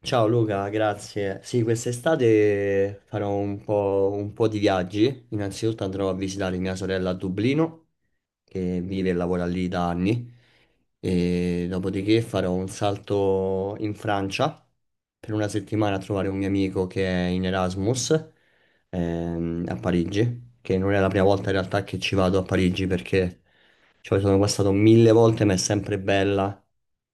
Ciao Luca, grazie. Sì, quest'estate farò un po' di viaggi. Innanzitutto andrò a visitare mia sorella a Dublino, che vive e lavora lì da anni. E dopodiché farò un salto in Francia per una settimana a trovare un mio amico che è in Erasmus, a Parigi, che non è la prima volta in realtà che ci vado a Parigi, perché ci sono passato mille volte, ma è sempre bella.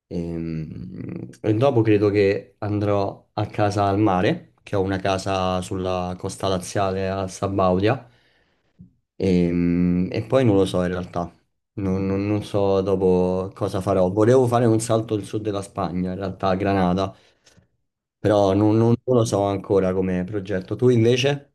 E dopo credo che andrò a casa al mare, che ho una casa sulla costa laziale a Sabaudia. E poi non lo so in realtà, non so dopo cosa farò. Volevo fare un salto al sud della Spagna, in realtà a Granada, però non lo so ancora come progetto. Tu invece?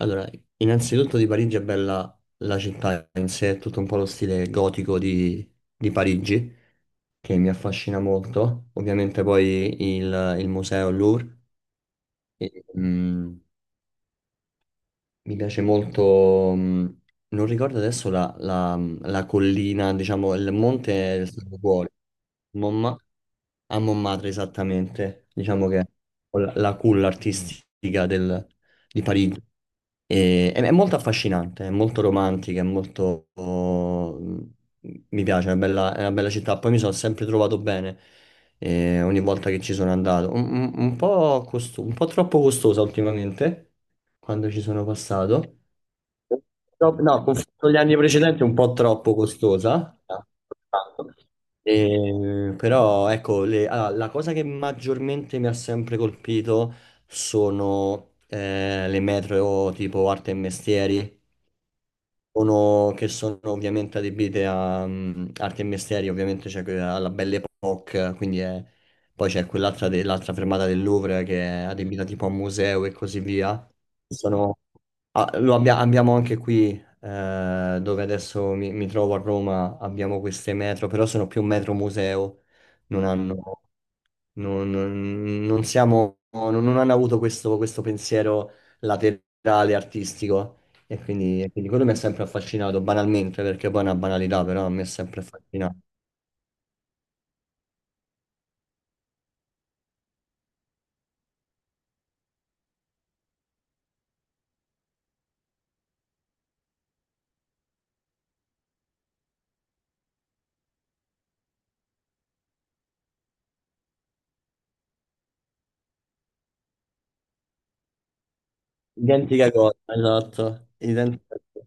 Allora, innanzitutto di Parigi è bella la città in sé, è tutto un po' lo stile gotico di Parigi, che mi affascina molto. Ovviamente poi il museo Louvre. E mi piace molto, mm, non ricordo adesso la collina, diciamo, il monte del Santo Cuore, Momma- a Montmartre esattamente, diciamo che è la culla artistica di Parigi. È molto affascinante, è molto romantica, è molto. Oh, mi piace, è una bella città. Poi mi sono sempre trovato bene, ogni volta che ci sono andato. Un po' troppo costosa ultimamente, quando ci sono passato. No, no, confronto agli anni precedenti è un po' troppo costosa. Ah, però ecco, allora, la cosa che maggiormente mi ha sempre colpito sono, le metro tipo arte e mestieri, che sono ovviamente adibite a, arte e mestieri. Ovviamente c'è alla Belle Époque, quindi poi c'è quell'altra, l'altra fermata del Louvre che è adibita tipo a museo e così via. Ah, lo abbiamo anche qui, dove adesso mi trovo a Roma, abbiamo queste metro, però sono più metro museo, non hanno, non, non- non siamo, non, non hanno avuto questo, pensiero laterale artistico, e quindi quello mi ha sempre affascinato, banalmente, perché poi è una banalità, però a me è sempre affascinato. Identica cosa, esatto, identica cosa.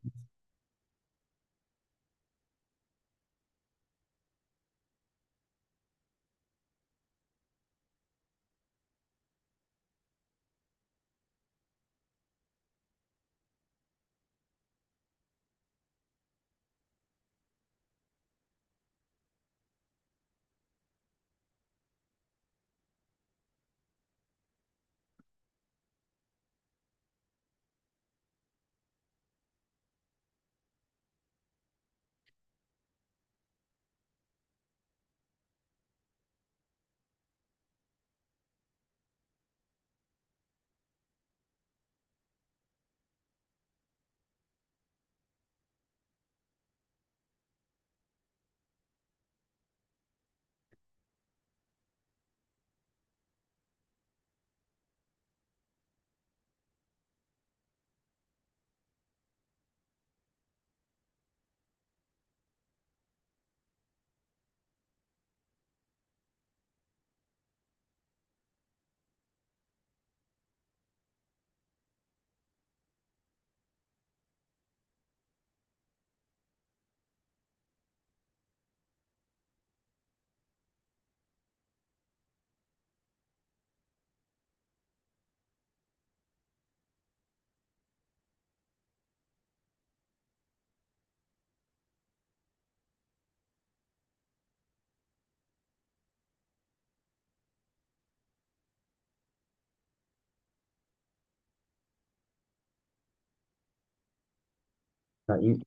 Ah,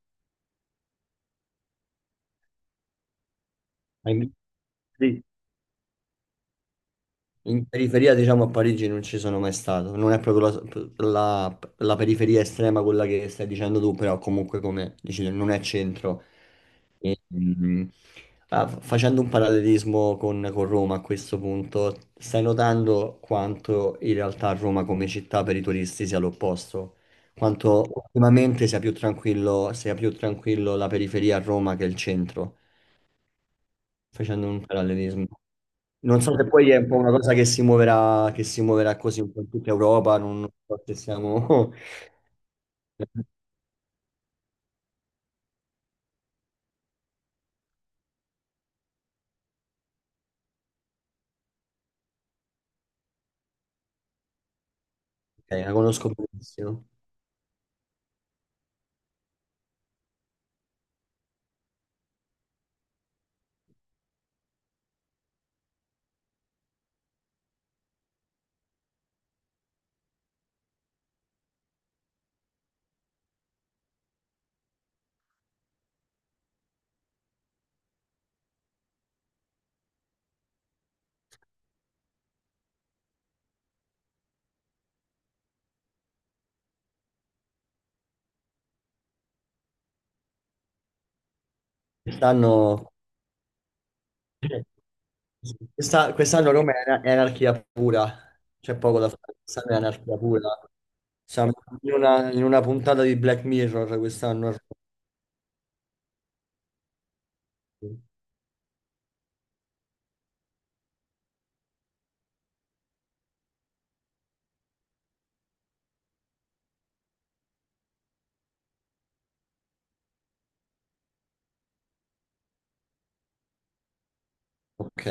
hai- in periferia, diciamo, a Parigi non ci sono mai stato. Non è proprio la, la- la periferia estrema quella che stai dicendo tu, però comunque, come dici tu, non è centro. Mm. Ah, facendo un parallelismo con Roma a questo punto, stai notando quanto in realtà Roma come città per i turisti sia l'opposto? Quanto ultimamente sia più tranquillo la periferia a Roma che il centro, facendo un parallelismo. Non so se poi è un po' una cosa che si muoverà così un po' in tutta Europa, non so se siamo. La conosco benissimo. Quest'anno quest'anno Roma è, è anarchia pura, c'è poco da fare, quest'anno è anarchia pura. Siamo in una puntata di Black Mirror quest'anno. Ok.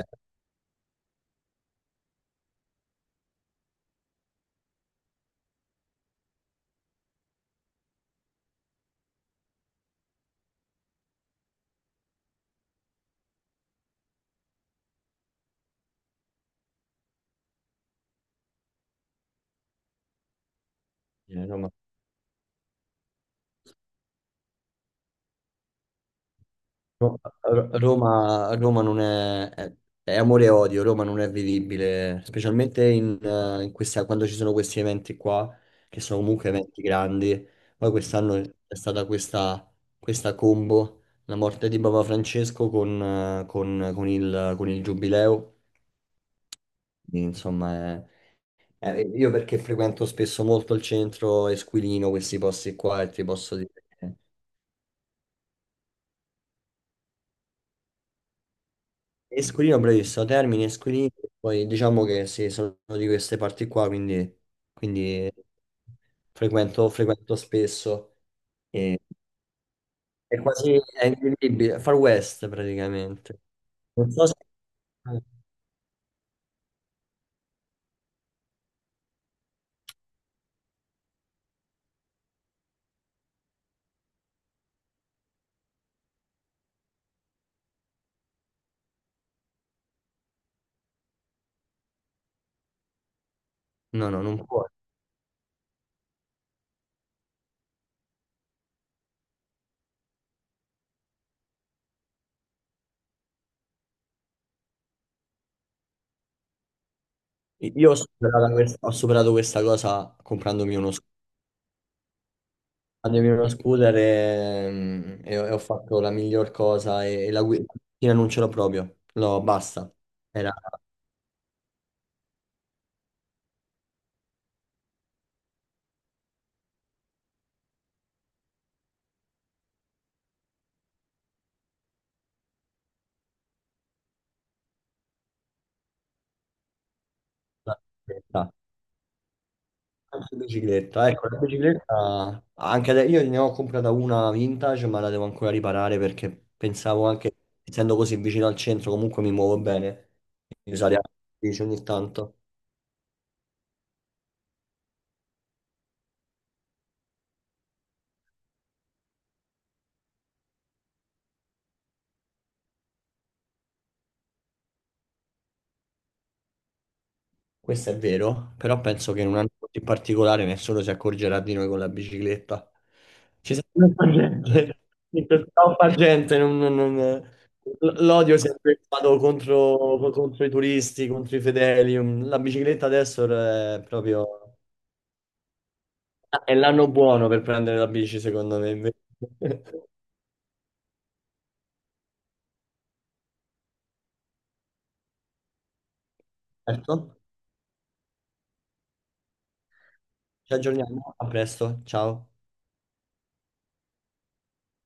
Eh, Roma Ro- Roma, Roma non è, è amore e odio, Roma non è vivibile, specialmente in, quando ci sono questi eventi qua, che sono comunque eventi grandi. Poi quest'anno è stata questa combo, la morte di Papa Francesco con il Giubileo. Quindi, insomma, io, perché frequento spesso molto il centro Esquilino, questi posti qua, e ti posso dire. Esquilino, bravissimo, Termini, Esquilino, poi diciamo che sì, sono di queste parti qua, quindi, frequento spesso. E, è quasi è invivibile, Far West praticamente. Non so se. No, no, non può. Io ho superato questa cosa comprandomi uno scooter. Prendermi uno scooter e ho fatto la miglior cosa, e la guida non ce l'ho proprio. No, basta. Era... la Anche bicicletta, ecco, la bicicletta. Anche adesso io ne ho comprata una vintage, ma la devo ancora riparare, perché pensavo anche, essendo così vicino al centro, comunque mi muovo bene, di usare anche la bici ogni tanto. Questo è vero, però penso che in un anno così particolare nessuno si accorgerà di noi con la bicicletta. Ci sarà troppa gente, ci sarà troppa gente, l'odio è sempre stato contro i turisti, contro i fedeli, la bicicletta adesso è proprio. È l'anno buono per prendere la bici, secondo me, invece. Certo, ci aggiorniamo, a presto, ciao.